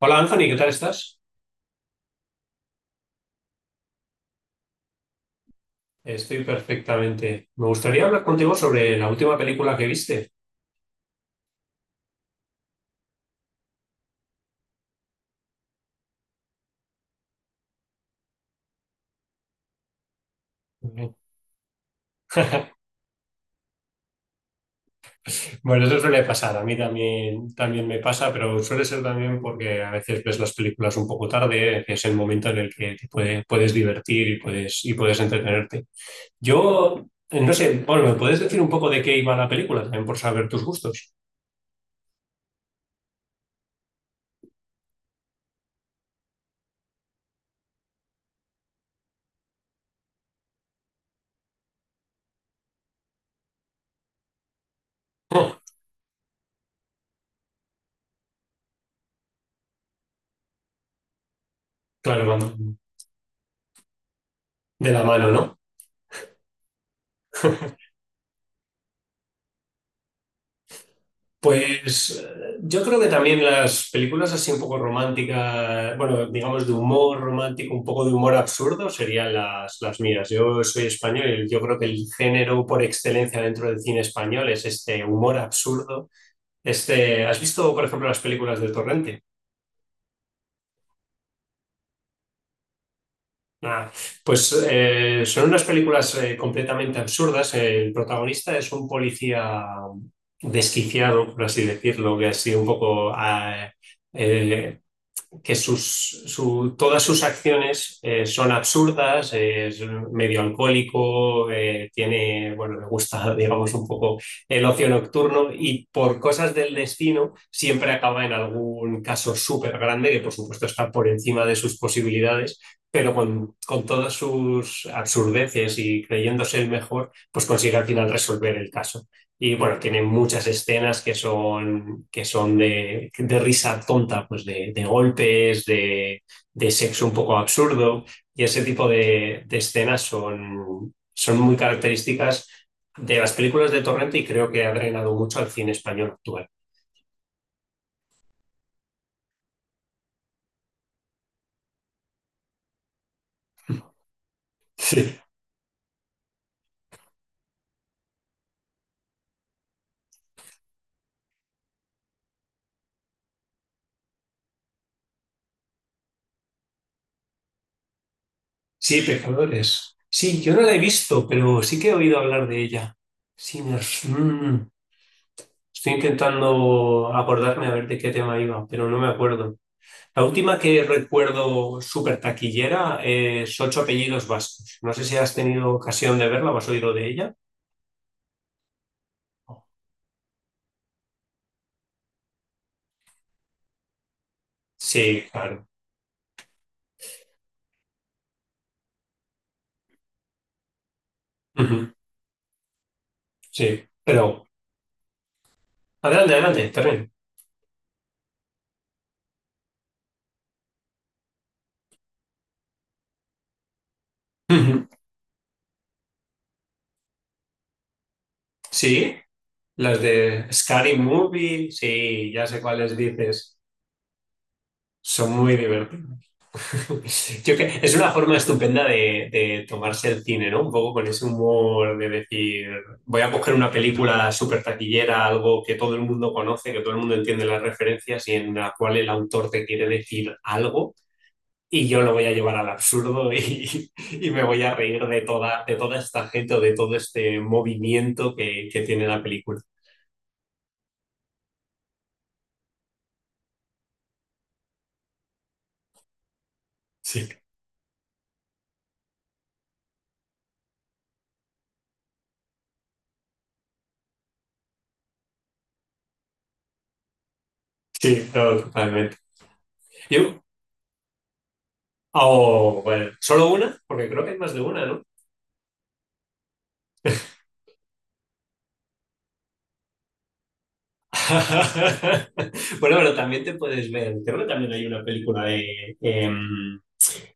Hola Anthony, ¿qué tal estás? Estoy perfectamente. Me gustaría hablar contigo sobre la última película que viste. Bien. Bueno, eso suele pasar, a mí también, también me pasa, pero suele ser también porque a veces ves las películas un poco tarde, que es el momento en el que puedes divertir y puedes entretenerte. Yo, no sé, bueno, ¿me puedes decir un poco de qué iba la película? También por saber tus gustos. Oh, claro, van de la mano, ¿no? Pues yo creo que también las películas así un poco románticas, bueno, digamos de humor romántico, un poco de humor absurdo serían las mías. Yo soy español y yo creo que el género por excelencia dentro del cine español es este humor absurdo. Este, ¿has visto, por ejemplo, las películas de Torrente? Ah, pues son unas películas completamente absurdas. El protagonista es un policía desquiciado, por así decirlo, que ha sido un poco... eh, que todas sus acciones son absurdas, es medio alcohólico, tiene, bueno, le gusta, digamos, un poco el ocio nocturno y por cosas del destino siempre acaba en algún caso súper grande que, por supuesto, está por encima de sus posibilidades, pero todas sus absurdeces y creyéndose el mejor, pues consigue al final resolver el caso. Y bueno, tiene muchas escenas que que son de risa tonta, pues de golpes, de sexo un poco absurdo. Y ese tipo de escenas son muy características de las películas de Torrente, y creo que ha drenado mucho al cine español actual. Sí, sí, Pecadores. Sí, yo no la he visto, pero sí que he oído hablar de ella. Sí, me- mm, Estoy intentando acordarme a ver de qué tema iba, pero no me acuerdo. La última que recuerdo súper taquillera es Ocho Apellidos Vascos. No sé si has tenido ocasión de verla o has oído de ella. Sí, claro. Ujú. Sí, pero adelante, adelante, termino. Ujú. Sí, las de Scary Movie, sí, ya sé cuáles dices. Son muy divertidas. Yo, que es una forma estupenda de tomarse el cine, ¿no? Un poco con ese humor de decir, voy a coger una película súper taquillera, algo que todo el mundo conoce, que todo el mundo entiende las referencias y en la cual el autor te quiere decir algo y yo lo voy a llevar al absurdo y, y me voy a reír de toda esta gente o de todo este movimiento que tiene la película. Sí, sí, no, totalmente. Yo, oh, bueno, solo una, porque creo que hay más de una, no. Bueno, pero también te puedes ver, creo que también hay una película de eh,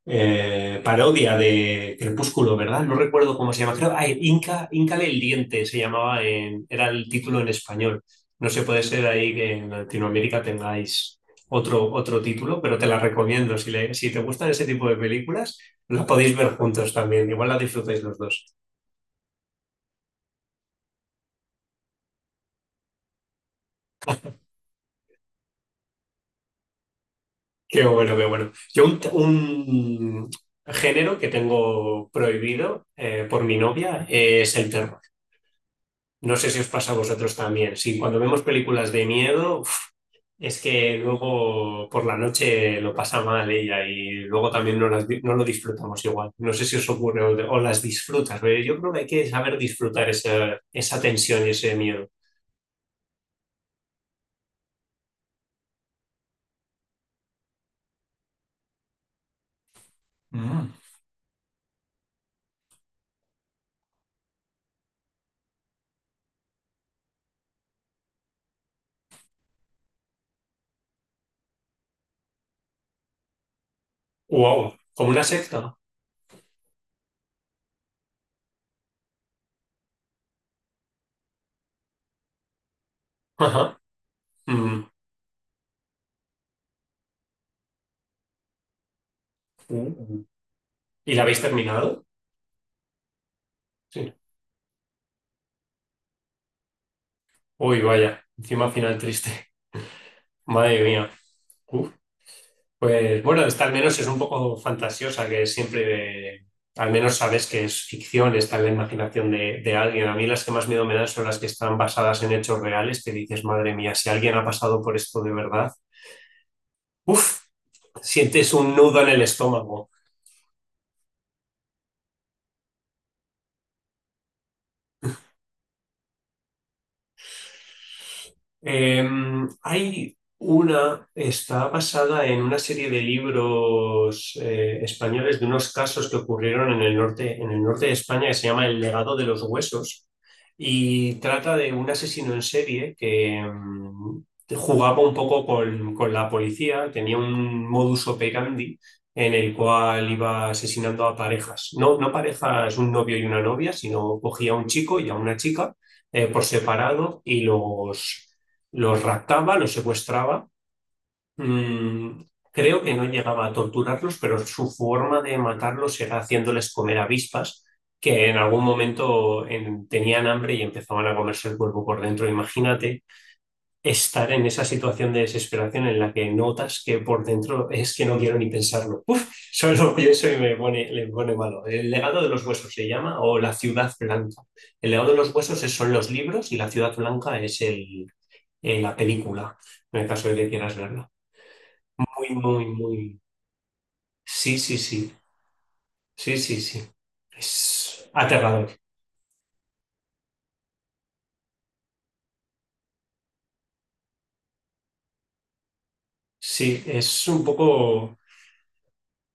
eh, parodia de Crepúsculo, ¿verdad? No recuerdo cómo se llama, creo, Inca, Incale el Diente se llamaba, era el título en español. No sé, puede ser ahí que en Latinoamérica tengáis otro, otro título, pero te la recomiendo. Si, si te gustan ese tipo de películas, la podéis ver juntos también, igual la disfrutáis los dos. Qué bueno, qué bueno. Yo un género que tengo prohibido por mi novia es el terror. No sé si os pasa a vosotros también. Sí, cuando vemos películas de miedo, uf, es que luego por la noche lo pasa mal ella y luego también no, no lo disfrutamos igual. No sé si os ocurre o las disfrutas, pero yo creo que hay que saber disfrutar esa, esa tensión y ese miedo. Mm. Wow, como una secta. Ajá. Mm. Uh. ¿Y la habéis terminado? Sí. Uy, vaya, encima final triste. Madre mía. Uf. Pues bueno, esta al menos es un poco fantasiosa, que siempre, al menos sabes que es ficción, está en la imaginación de alguien. A mí las que más miedo me dan son las que están basadas en hechos reales, que dices, madre mía, si alguien ha pasado por esto de verdad, uff, sientes un nudo en el estómago. Eh, Hay una, está basada en una serie de libros españoles, de unos casos que ocurrieron en el norte de España, que se llama El legado de los huesos, y trata de un asesino en serie que jugaba un poco con la policía, tenía un modus operandi en el cual iba asesinando a parejas. No, no parejas, un novio y una novia, sino cogía a un chico y a una chica por separado y los raptaba, los secuestraba. Mm, creo que no llegaba a torturarlos, pero su forma de matarlos era haciéndoles comer avispas que en algún momento tenían hambre y empezaban a comerse el cuerpo por dentro. Imagínate estar en esa situación de desesperación en la que notas que por dentro, es que no quiero ni pensarlo. Uf, solo lo pienso y me pone, le pone malo. El legado de los huesos se llama, o La ciudad blanca. El legado de los huesos son los libros, y La ciudad blanca es el, en la película, en el caso de que quieras verla. Muy, muy, muy. Sí, sí, sí. Sí, sí, sí. Es aterrador. Sí, es un poco,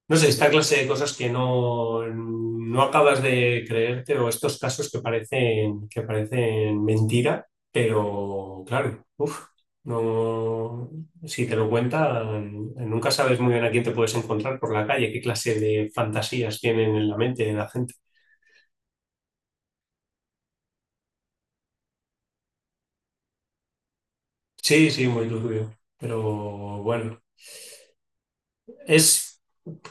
no sé, esta clase de cosas que no, no acabas de creerte, o estos casos que parecen mentira, pero claro, uf, no, si te lo cuentan, nunca sabes muy bien a quién te puedes encontrar por la calle, qué clase de fantasías tienen en la mente de la gente. Sí, sí, muy turbio. Pero bueno, es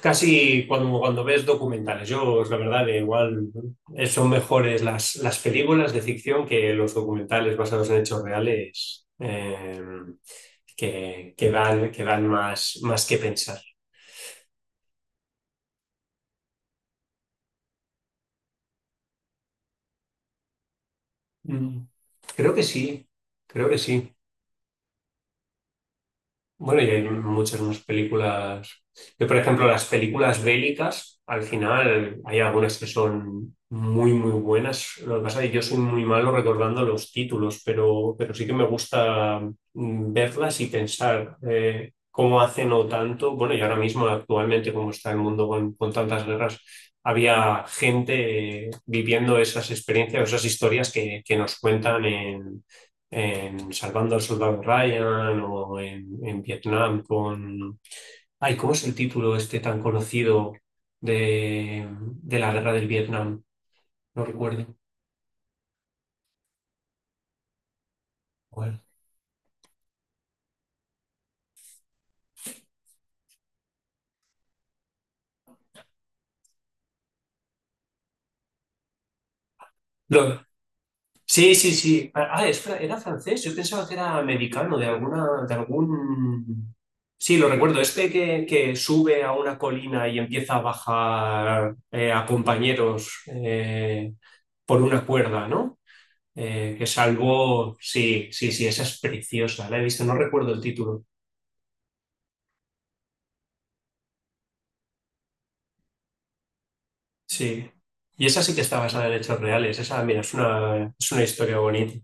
casi cuando, cuando ves documentales. Yo, la verdad, que igual son mejores las películas de ficción que los documentales basados en hechos reales, que dan más, más que pensar. Mm. Creo que sí, creo que sí. Bueno, y hay muchas más películas. Yo, por ejemplo, las películas bélicas, al final hay algunas que son muy, muy buenas. Lo que pasa es que yo soy muy malo recordando los títulos, pero sí que me gusta verlas y pensar cómo hace no tanto. Bueno, y ahora mismo, actualmente, como está el mundo con tantas guerras, había gente viviendo esas experiencias, esas historias que nos cuentan en Salvando al Soldado Ryan o en Vietnam con... Ay, ¿cómo es el título este tan conocido de la guerra del Vietnam? No recuerdo. ¿Cuál? Lo- sí, sí, sí. Ah, ah, era francés. Yo pensaba que era americano, de alguna, de algún... Sí, lo recuerdo. Este que sube a una colina y empieza a bajar a compañeros por una cuerda, ¿no? Que es algo, sí, sí, sí, esa es preciosa, la he visto, no recuerdo el título, sí. Y esa sí que está basada en hechos reales, esa, mira, es una historia bonita.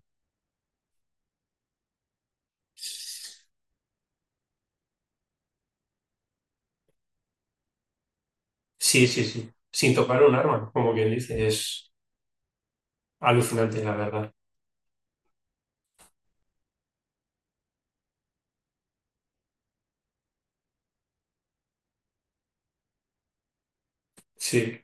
Sí, sí, sí, sin tocar un arma, como quien dice, es alucinante, la verdad. Sí,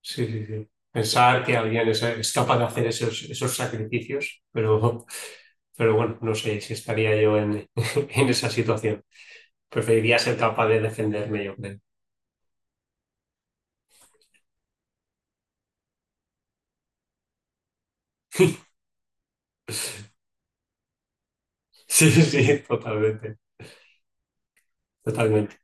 sí, sí, sí. Pensar que alguien es capaz de hacer esos, esos sacrificios, pero, pero bueno, no sé si estaría yo en, en esa situación. Preferiría ser capaz de defenderme, yo creo. Sí, sí, totalmente. Totalmente.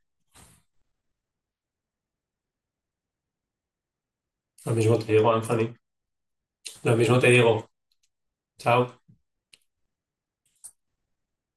Lo mismo te digo, Anthony. Lo mismo te digo. Chao.